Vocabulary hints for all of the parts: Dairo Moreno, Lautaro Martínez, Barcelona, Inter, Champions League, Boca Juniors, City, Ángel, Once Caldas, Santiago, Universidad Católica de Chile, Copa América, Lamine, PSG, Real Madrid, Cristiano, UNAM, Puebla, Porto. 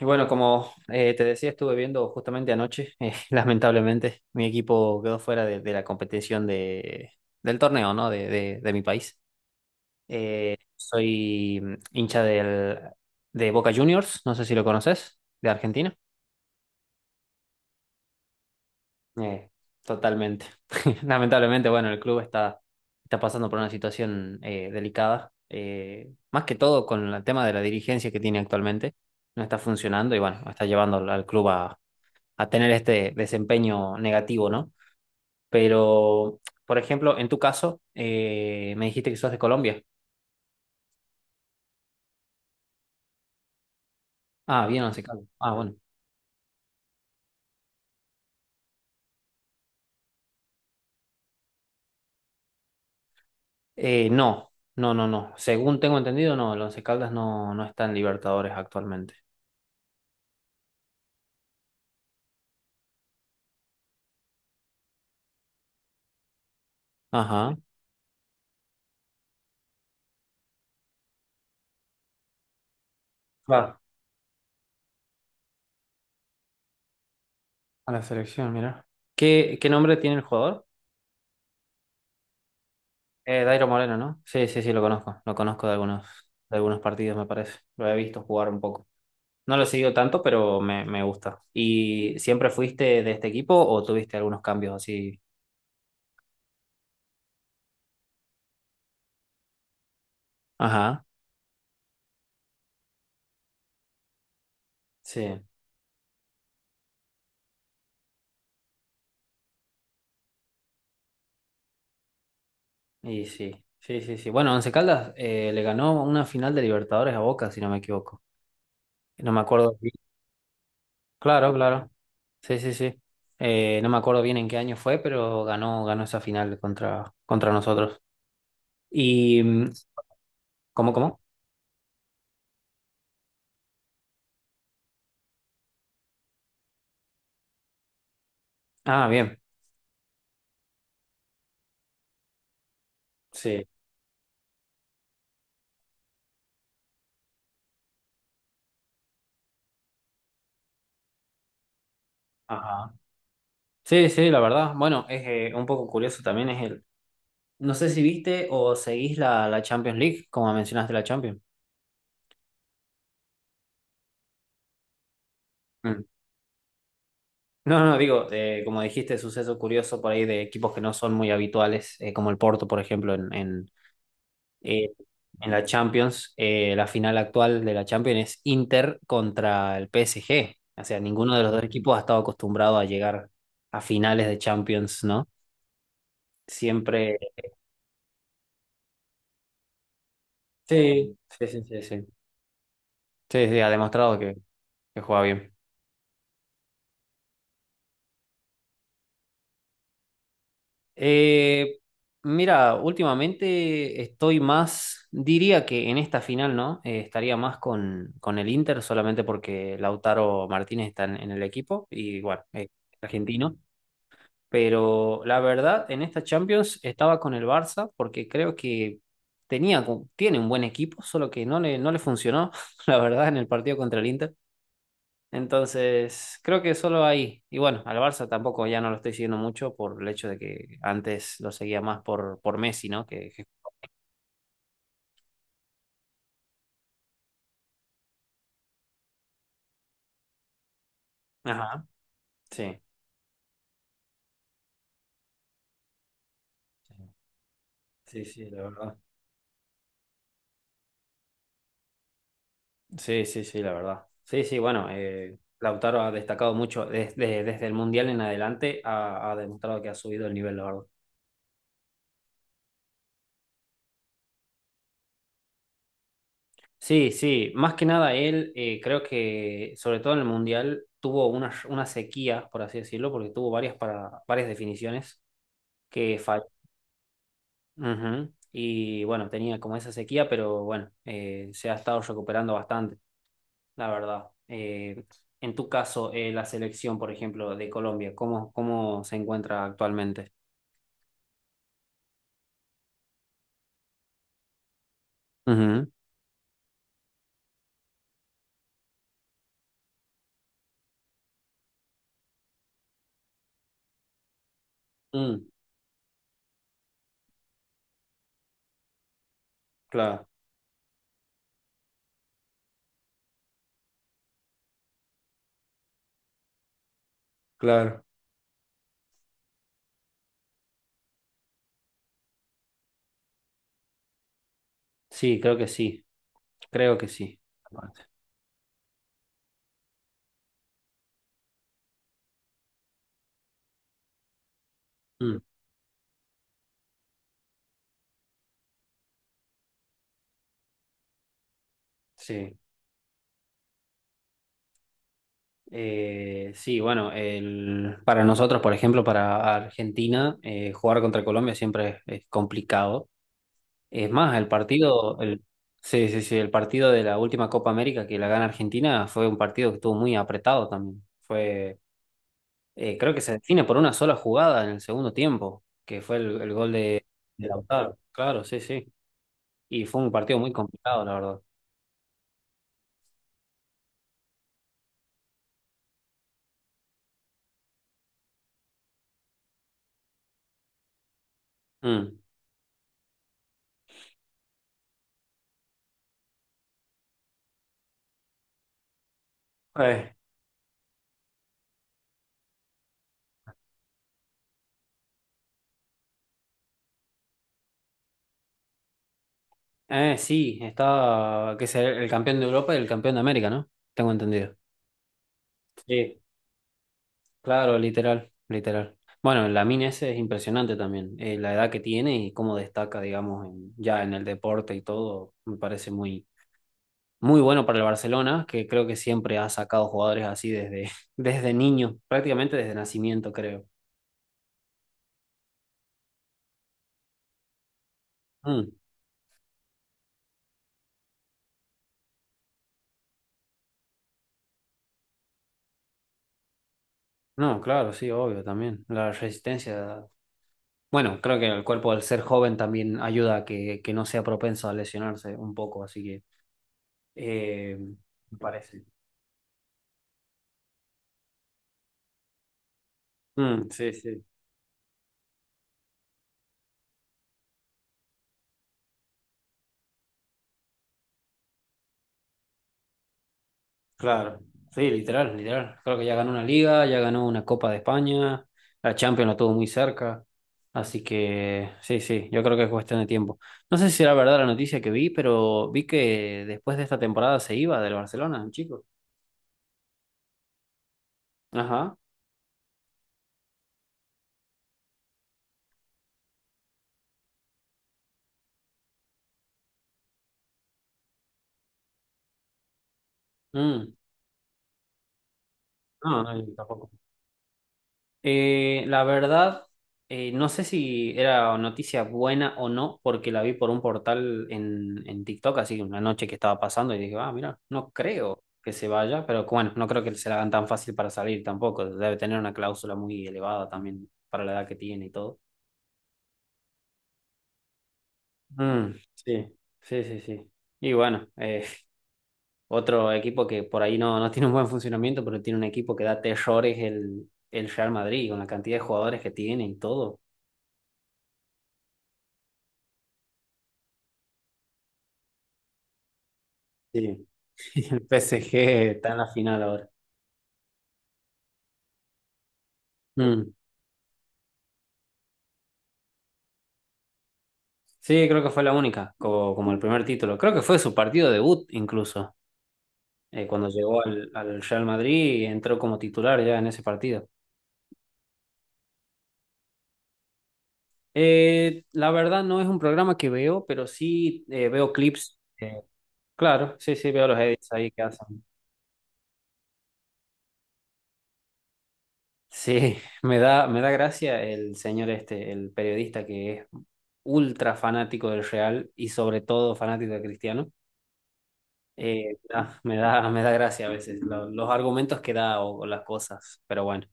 Y bueno, como te decía, estuve viendo justamente anoche, lamentablemente, mi equipo quedó fuera de la competición de del torneo, ¿no? De mi país. Eh, soy hincha de Boca Juniors, no sé si lo conoces, de Argentina. Eh, totalmente. Lamentablemente, bueno, el club está, está pasando por una situación delicada, más que todo con el tema de la dirigencia que tiene actualmente. No está funcionando y bueno, está llevando al club a tener este desempeño negativo, ¿no? Pero, por ejemplo, en tu caso, me dijiste que sos de Colombia. Ah, bien, Once Caldas. Ah, bueno. No, no, no, no. Según tengo entendido, no, el Once Caldas no, no está en Libertadores actualmente. Ajá. Va a la selección, mira. ¿Qué, qué nombre tiene el jugador? Dairo Moreno, ¿no? Sí, sí, sí, lo conozco. Lo conozco de algunos partidos, me parece. Lo he visto jugar un poco. No lo he seguido tanto, pero me gusta. ¿Y siempre fuiste de este equipo o tuviste algunos cambios así? Ajá, sí, y sí, sí, sí, sí. Bueno, Once Caldas le ganó una final de Libertadores a Boca, si no me equivoco. No me acuerdo bien. Claro, claro. Sí, sí, sí. No me acuerdo bien en qué año fue, pero ganó, ganó esa final contra, contra nosotros. Y, mm, ¿cómo, cómo? Ah, bien. Sí. Ajá. Sí, sí, la verdad. Bueno, es un poco curioso también es el, no sé si viste o seguís la, la Champions League, como mencionaste la Champions. Mm. No, no, digo, como dijiste, suceso curioso por ahí de equipos que no son muy habituales, como el Porto, por ejemplo, eh, en la Champions. La final actual de la Champions es Inter contra el PSG. O sea, ninguno de los dos equipos ha estado acostumbrado a llegar a finales de Champions, ¿no? Siempre... Sí, sí, sí, sí, sí. Sí, sí, ha demostrado que juega bien. Eh, mira, últimamente estoy más, diría que en esta final, ¿no? Estaría más con el Inter solamente porque Lautaro Martínez está en el equipo y bueno, es argentino. Pero la verdad, en esta Champions estaba con el Barça porque creo que tenía, tiene un buen equipo, solo que no le, no le funcionó, la verdad, en el partido contra el Inter. Entonces, creo que solo ahí. Y bueno, al Barça tampoco ya no lo estoy siguiendo mucho por el hecho de que antes lo seguía más por Messi, ¿no? Que- ajá, sí. Sí, sí, la verdad. Sí, sí, sí, la verdad. Sí, sí, bueno, Lautaro ha destacado mucho desde, desde el Mundial en adelante, ha, ha demostrado que ha subido el nivel, la verdad. Sí, sí, más que nada él, creo que sobre todo en el Mundial tuvo una sequía, por así decirlo, porque tuvo varias, para, varias definiciones que falló. Ujú. Y bueno, tenía como esa sequía, pero bueno, se ha estado recuperando bastante, la verdad. En tu caso, la selección, por ejemplo, de Colombia, ¿cómo, cómo se encuentra actualmente? Ujú, mm, claro, claro. Sí, creo que sí, creo que sí. Mm, sí. Sí, bueno, el, para nosotros, por ejemplo, para Argentina, jugar contra Colombia siempre es complicado. Es más, el sí, partido, el, sí, sí, sí, el partido de la última Copa América que la gana Argentina fue un partido que estuvo muy apretado también. Fue, creo que se define por una sola jugada en el segundo tiempo, que fue el gol de Lautaro. Claro, sí, sí. Y fue un partido muy complicado, la verdad. Mm. Eh, sí, está que es el campeón de Europa y el campeón de América, ¿no? Tengo entendido. Sí. Claro, literal, literal. Bueno, la mina ese es impresionante también, la edad que tiene y cómo destaca, digamos, en- ya en el deporte y todo, me parece muy, muy bueno para el Barcelona, que creo que siempre ha sacado jugadores así desde, desde niño, prácticamente desde nacimiento, creo. Mm, no, claro, sí, obvio también. La resistencia, bueno, creo que el cuerpo al ser joven también ayuda a que no sea propenso a lesionarse un poco, así que eh, me parece. Mm, sí, sí. Claro, sí, literal, literal. Creo que ya ganó una liga, ya ganó una Copa de España, la Champions la tuvo muy cerca, así que sí, sí, yo creo que es cuestión de tiempo. No sé si era verdad la noticia que vi, pero vi que después de esta temporada se iba del Barcelona, el chico. Ajá. Mm. No, no, yo tampoco. La verdad, no sé si era noticia buena o no, porque la vi por un portal en TikTok, así una noche que estaba pasando, y dije, ah, mira, no creo que se vaya, pero bueno, no creo que se la hagan tan fácil para salir tampoco. Debe tener una cláusula muy elevada también para la edad que tiene y todo. Mm, sí, sí, sí, sí. Y bueno, otro equipo que por ahí no, no tiene un buen funcionamiento, pero tiene un equipo que da terrores el Real Madrid, con la cantidad de jugadores que tiene y todo. Sí. El PSG está en la final ahora. Mm. Sí, creo que fue la única, como, como el primer título. Creo que fue su partido debut incluso, cuando llegó al, al Real Madrid y entró como titular ya en ese partido. La verdad no es un programa que veo, pero sí veo clips, claro, sí, sí, veo los edits ahí que hacen. Sí, me da gracia el señor este, el periodista que es ultra fanático del Real y sobre todo fanático de Cristiano. Ah, me da gracia a veces lo- los argumentos que da o las cosas, pero bueno.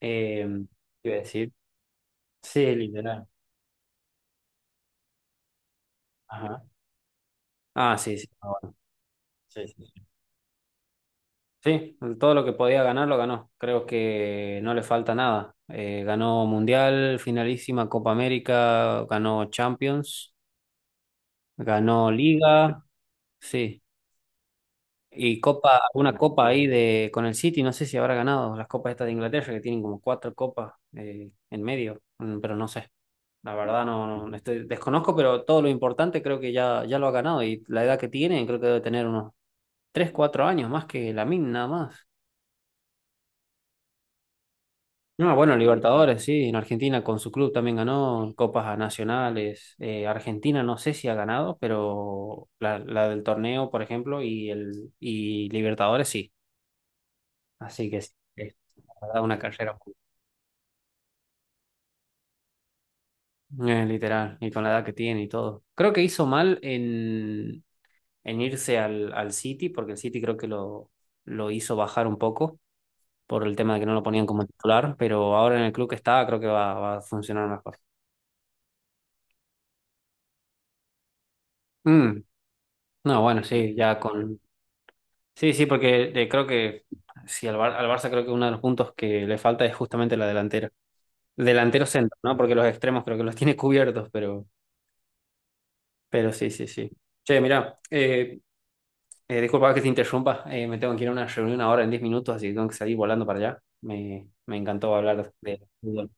Eh, ¿Qué iba a decir? Sí, literal. Ajá. Ah, sí, sí. Ah, bueno. Sí, sí, sí. Sí, todo lo que podía ganar lo ganó. Creo que no le falta nada. Ganó Mundial, finalísima Copa América, ganó Champions, ganó Liga, sí. Y copa, una copa ahí de con el City, no sé si habrá ganado las copas estas de Inglaterra, que tienen como cuatro copas en medio, mm, pero no sé. La verdad no, no no estoy- desconozco, pero todo lo importante creo que ya, ya lo ha ganado y la edad que tiene creo que debe tener unos 3 4 años más que Lamine nada más. No, bueno, Libertadores, sí, en Argentina con su club también ganó copas nacionales. Argentina no sé si ha ganado, pero la del torneo, por ejemplo, y el y Libertadores sí. Así que sí, es la verdad, una carrera muy- literal, y con la edad que tiene y todo. Creo que hizo mal en irse al, al City, porque el City creo que lo hizo bajar un poco por el tema de que no lo ponían como titular, pero ahora en el club que está creo que va, va a funcionar mejor. Mm, no, bueno, sí, ya con... Sí, sí, porque creo que sí, al, Bar- al Barça creo que uno de los puntos que le falta es justamente la delantera. Delantero centro, ¿no? Porque los extremos creo que los tiene cubiertos, pero sí, sí, sí. Che, mirá, eh, disculpa que te interrumpa, me tengo que ir a una reunión ahora en 10 minutos, así que tengo que salir volando para allá. Me encantó hablar de fútbol.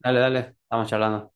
Dale, dale, estamos charlando.